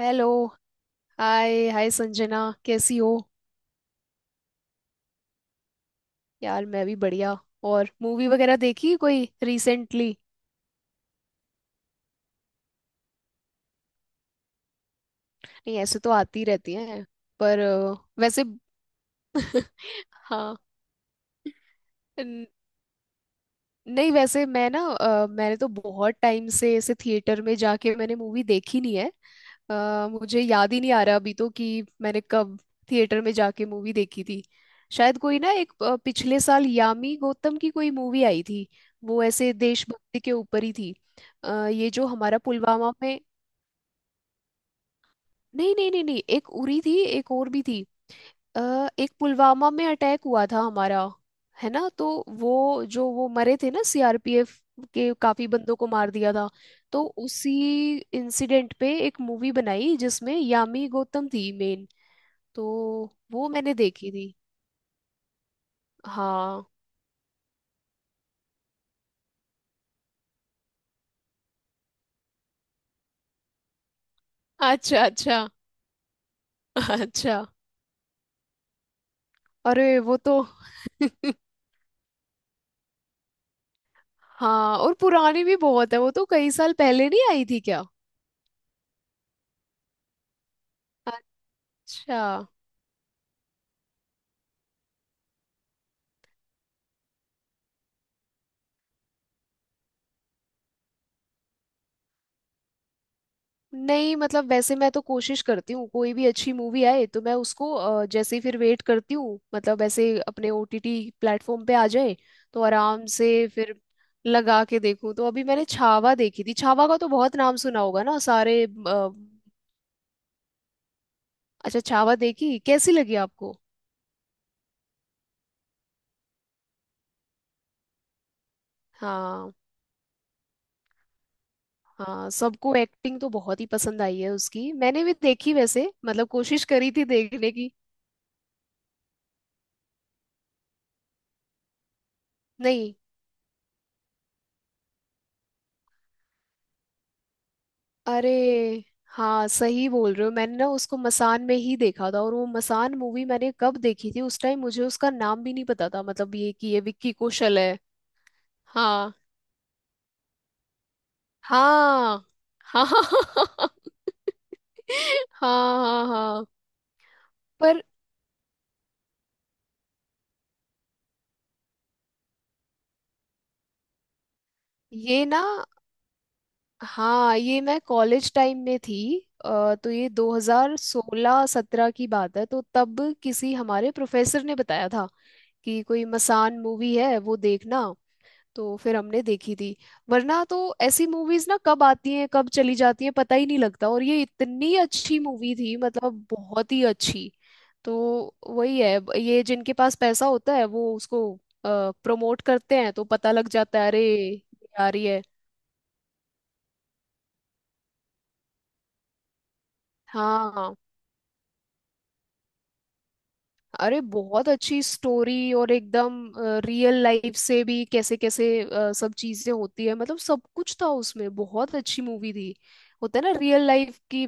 Hello. Hi hi Sanjana, कैसी हो? यार मैं भी बढ़िया। और मूवी वगैरह देखी कोई रिसेंटली? नहीं ऐसे तो आती रहती हैं। पर वैसे, हाँ। नहीं वैसे मैं ना मैंने तो बहुत टाइम से ऐसे थिएटर में जाके मैंने मूवी देखी नहीं है। मुझे याद ही नहीं आ रहा अभी तो कि मैंने कब थिएटर में जाके मूवी देखी थी। शायद कोई ना एक पिछले साल यामी गौतम की कोई मूवी आई थी। वो ऐसे देशभक्ति के ऊपर ही थी। ये जो हमारा पुलवामा में, नहीं नहीं नहीं नहीं, एक उरी थी एक और भी थी। एक पुलवामा में अटैक हुआ था हमारा, है ना? तो वो जो वो मरे थे ना, सीआरपीएफ के काफी बंदों को मार दिया था। तो उसी इंसिडेंट पे एक मूवी बनाई जिसमें यामी गौतम थी मेन। तो वो मैंने देखी थी। हाँ, अच्छा अच्छा अच्छा। अरे वो तो हाँ, और पुरानी भी बहुत है, वो तो कई साल पहले नहीं आई थी क्या? अच्छा। नहीं मतलब वैसे मैं तो कोशिश करती हूँ कोई भी अच्छी मूवी आए तो मैं उसको जैसे ही फिर वेट करती हूँ मतलब ऐसे अपने ओटीटी प्लेटफॉर्म पे आ जाए तो आराम से फिर लगा के देखूँ। तो अभी मैंने छावा देखी थी। छावा का तो बहुत नाम सुना होगा ना सारे अच्छा, छावा देखी, कैसी लगी आपको? हाँ हाँ, सबको एक्टिंग तो बहुत ही पसंद आई है उसकी, मैंने भी देखी वैसे मतलब, कोशिश करी थी देखने की। नहीं, अरे हाँ सही बोल रहे हो, मैंने ना उसको मसान में ही देखा था और वो मसान मूवी मैंने कब देखी थी उस टाइम मुझे उसका नाम भी नहीं पता था मतलब ये कि ये विक्की कौशल है। हाँ हाँ हाँ हाँ हाँ हाँ हाँ, हाँ, हाँ। पर ये ना, हाँ ये मैं कॉलेज टाइम में थी। तो ये 2016-17 की बात है, तो तब किसी हमारे प्रोफेसर ने बताया था कि कोई मसान मूवी है वो देखना। तो फिर हमने देखी थी। वरना तो ऐसी मूवीज ना कब आती हैं कब चली जाती हैं पता ही नहीं लगता, और ये इतनी अच्छी मूवी थी, मतलब बहुत ही अच्छी। तो वही है, ये जिनके पास पैसा होता है वो उसको प्रमोट करते हैं तो पता लग जाता है अरे ये आ रही है। हाँ, अरे बहुत अच्छी स्टोरी, और एकदम रियल लाइफ से भी कैसे कैसे सब चीजें होती है, मतलब सब कुछ था उसमें, बहुत अच्छी मूवी थी। होता है ना रियल लाइफ की।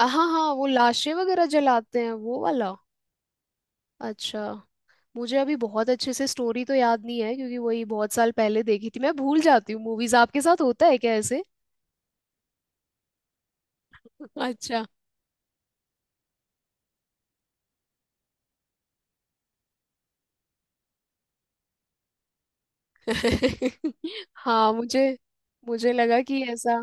हाँ हाँ, वो लाशें वगैरह जलाते हैं वो वाला। अच्छा। मुझे अभी बहुत अच्छे से स्टोरी तो याद नहीं है क्योंकि वही बहुत साल पहले देखी थी, मैं भूल जाती हूँ मूवीज, आपके साथ होता है क्या ऐसे? अच्छा। हाँ मुझे, मुझे लगा कि ऐसा,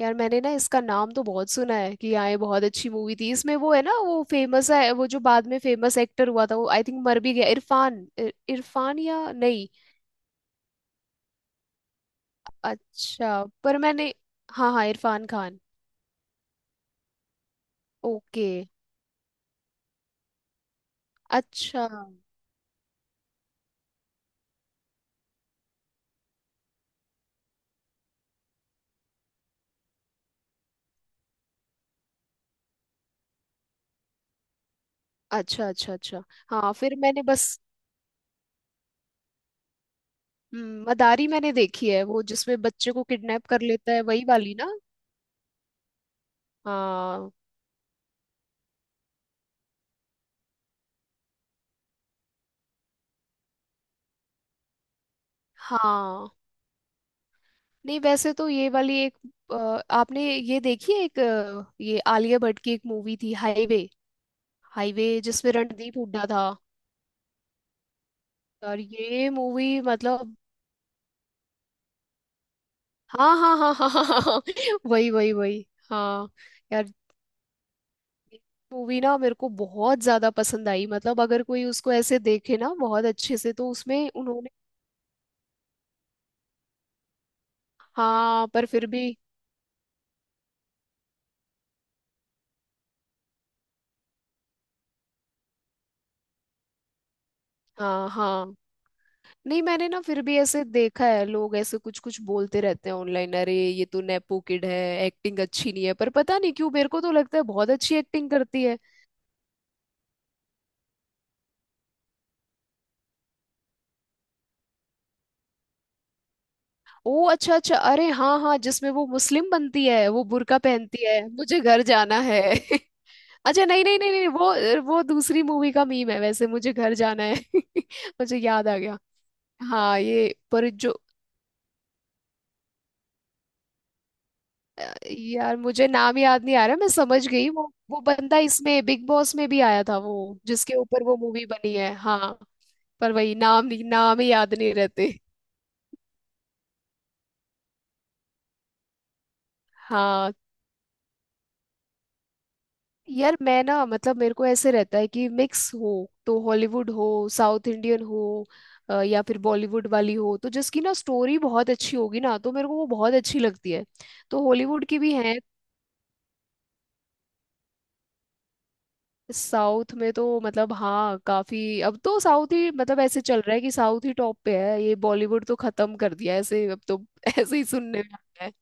यार मैंने ना इसका नाम तो बहुत सुना है कि हाँ ये बहुत अच्छी मूवी थी इसमें वो है ना, वो फेमस है वो जो बाद में फेमस एक्टर हुआ था, वो आई थिंक मर भी गया, इरफान इरफान या नहीं? अच्छा पर मैंने, हाँ हाँ इरफान खान। ओके। अच्छा अच्छा अच्छा। अच्छा। हाँ फिर मैंने बस मदारी मैंने देखी है, वो जिसमें बच्चे को किडनैप कर लेता है वही वाली ना? हाँ हाँ। नहीं वैसे तो ये वाली एक अ, आपने ये देखी है एक ये आलिया भट्ट की एक मूवी थी हाईवे, हाईवे जिसमें रणदीप हुड्डा था। और ये मूवी मतलब, हाँ हाँ हाँ हाँ हाँ हाँ, हाँ, वही वही वही हाँ। यार मूवी ना मेरे को बहुत ज्यादा पसंद आई, मतलब अगर कोई उसको ऐसे देखे ना बहुत अच्छे से तो उसमें उन्होंने, हाँ पर फिर भी, हाँ हाँ। नहीं मैंने ना फिर भी ऐसे देखा है, लोग ऐसे कुछ कुछ बोलते रहते हैं ऑनलाइन अरे ये तो नेपो किड है, एक्टिंग अच्छी नहीं है, पर पता नहीं क्यों मेरे को तो लगता है बहुत अच्छी एक्टिंग करती है। ओ अच्छा अच्छा, अरे हाँ हाँ, जिसमें वो मुस्लिम बनती है वो बुर्का पहनती है, मुझे घर जाना है अच्छा नहीं नहीं नहीं नहीं, वो वो दूसरी मूवी का मीम है वैसे, मुझे घर जाना है मुझे याद आ गया। हाँ ये पर जो अ, यार मुझे नाम याद नहीं आ रहा, मैं समझ गई वो बंदा इसमें बिग बॉस में भी आया था, वो जिसके ऊपर वो मूवी बनी है हाँ। पर वही नाम नाम ही याद नहीं रहते। हाँ यार मैं ना मतलब मेरे को ऐसे रहता है कि मिक्स हो, तो हॉलीवुड हो, साउथ इंडियन हो, या फिर बॉलीवुड वाली हो, तो जिसकी ना स्टोरी बहुत अच्छी होगी ना तो मेरे को वो बहुत अच्छी लगती है। तो हॉलीवुड की भी है। साउथ में तो मतलब हाँ काफी, अब तो साउथ ही मतलब ऐसे चल रहा है कि साउथ ही टॉप पे है, ये बॉलीवुड तो खत्म कर दिया है ऐसे अब तो ऐसे ही सुनने में आता है।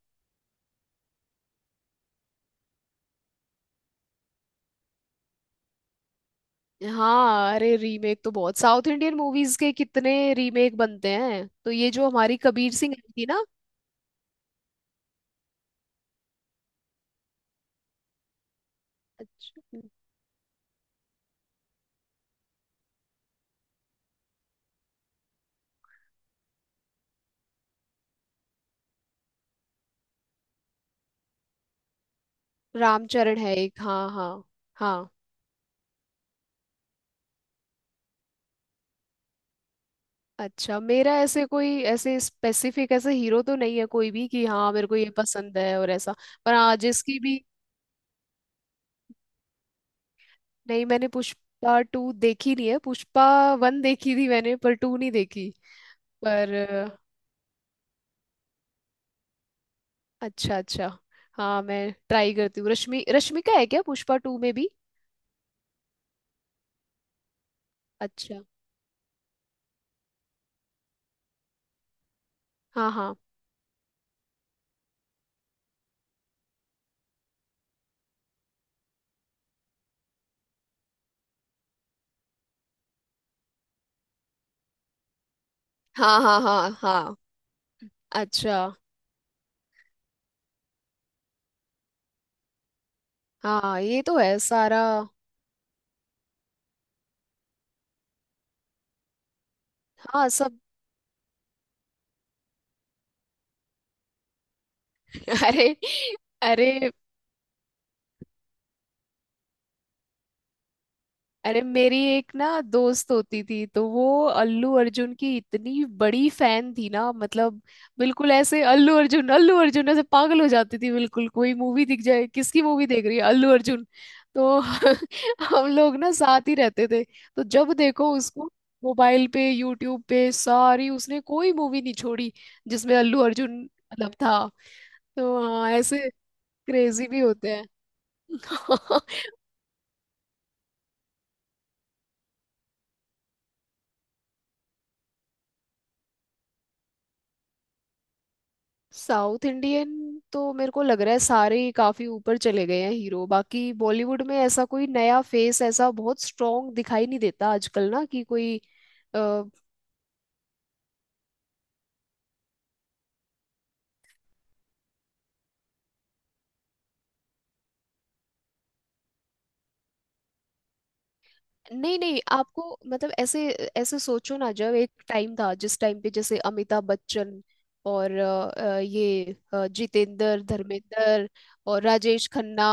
हाँ अरे रीमेक तो बहुत, साउथ इंडियन मूवीज के कितने रीमेक बनते हैं, तो ये जो हमारी कबीर सिंह आई थी ना। अच्छा। रामचरण है एक, हाँ हाँ हाँ। अच्छा मेरा ऐसे कोई ऐसे स्पेसिफिक ऐसे हीरो तो नहीं है कोई भी कि हाँ मेरे को ये पसंद है और ऐसा, पर हाँ जिसकी भी, नहीं मैंने पुष्पा टू देखी नहीं है, पुष्पा वन देखी थी मैंने पर टू नहीं देखी। पर अच्छा अच्छा। हाँ मैं ट्राई करती हूँ। रश्मिका है क्या पुष्पा टू में भी? अच्छा। हाँ हाँ हाँ हाँ हाँ हाँ अच्छा। हाँ ये तो है सारा। हाँ सब अरे अरे, अरे मेरी एक ना दोस्त होती थी तो वो अल्लू अर्जुन की इतनी बड़ी फैन थी ना मतलब, बिल्कुल ऐसे अल्लू अर्जुन अल्लू अर्जुन, ऐसे पागल हो जाती थी बिल्कुल, कोई मूवी दिख जाए किसकी मूवी देख रही है, अल्लू अर्जुन। तो हम लोग ना साथ ही रहते थे तो जब देखो उसको, मोबाइल पे यूट्यूब पे, सारी उसने कोई मूवी नहीं छोड़ी जिसमें अल्लू अर्जुन मतलब था। तो हाँ ऐसे क्रेजी भी होते हैं साउथ इंडियन तो मेरे को लग रहा है सारे ही काफी ऊपर चले गए हैं हीरो, बाकी बॉलीवुड में ऐसा कोई नया फेस ऐसा बहुत स्ट्रॉन्ग दिखाई नहीं देता आजकल ना कि कोई, नहीं नहीं आपको, मतलब ऐसे ऐसे सोचो ना जब एक टाइम था जिस टाइम पे जैसे अमिताभ बच्चन और ये जितेंद्र धर्मेंद्र और राजेश खन्ना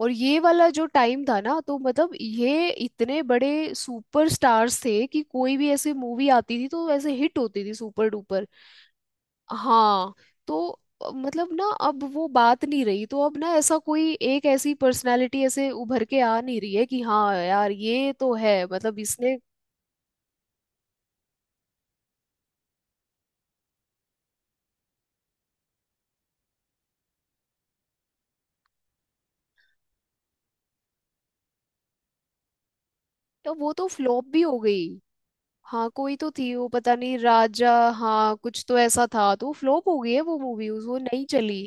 और ये वाला जो टाइम था ना, तो मतलब ये इतने बड़े सुपर स्टार्स थे कि कोई भी ऐसी मूवी आती थी तो ऐसे हिट होती थी सुपर डुपर। हाँ तो मतलब ना अब वो बात नहीं रही, तो अब ना ऐसा कोई एक ऐसी पर्सनालिटी ऐसे उभर के आ नहीं रही है कि हाँ यार ये तो है मतलब इसने, तो वो तो फ्लॉप भी हो गई। हाँ कोई तो थी वो पता नहीं राजा, हाँ कुछ तो ऐसा था, तो फ्लॉप हो गई है वो मूवी वो नहीं चली।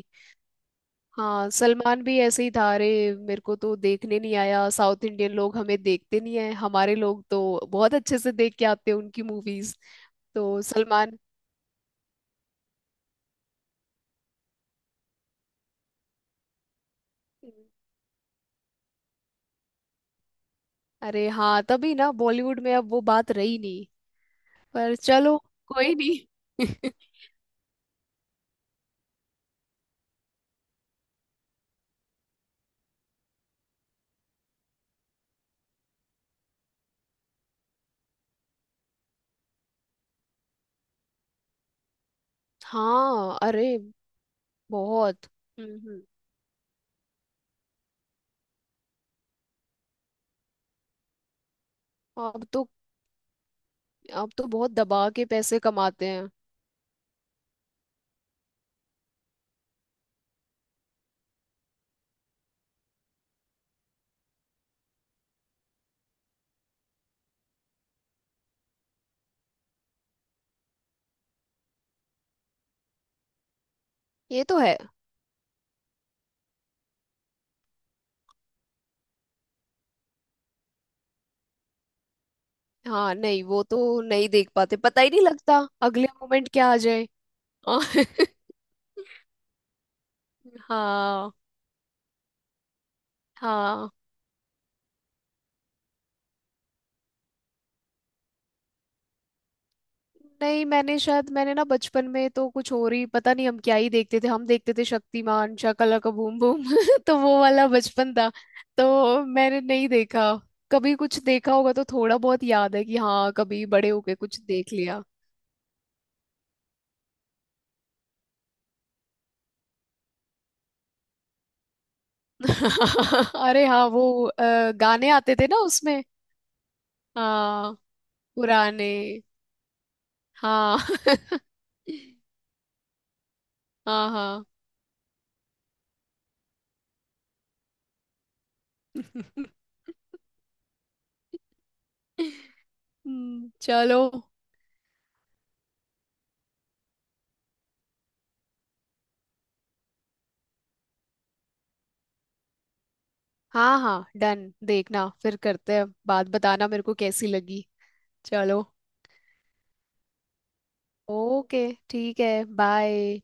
हाँ सलमान भी ऐसे ही था अरे, मेरे को तो देखने नहीं आया, साउथ इंडियन लोग हमें देखते नहीं है, हमारे लोग तो बहुत अच्छे से देख के आते हैं उनकी मूवीज, तो सलमान, अरे हाँ, तभी ना बॉलीवुड में अब वो बात रही नहीं। पर चलो कोई नहीं। हाँ अरे बहुत, हम्म हम्म। अब तो, अब तो बहुत दबा के पैसे कमाते हैं। ये तो है। हाँ नहीं वो तो नहीं देख पाते, पता ही नहीं लगता अगले मोमेंट क्या आ जाए। हाँ हाँ हाँ, नहीं मैंने शायद, मैंने ना बचपन में तो कुछ और ही पता नहीं, हम क्या ही देखते थे, हम देखते थे शक्तिमान, शाकाला का बूम बूम तो वो वाला बचपन था। तो मैंने नहीं देखा, कभी कुछ देखा होगा तो थोड़ा बहुत याद है कि हाँ कभी बड़े होके कुछ देख लिया। अरे हाँ वो गाने आते थे ना उसमें, हाँ पुराने। हाँ हाँ हाँ चलो। हाँ हाँ डन, देखना फिर करते हैं बात, बताना मेरे को कैसी लगी। चलो ओके, ठीक है बाय।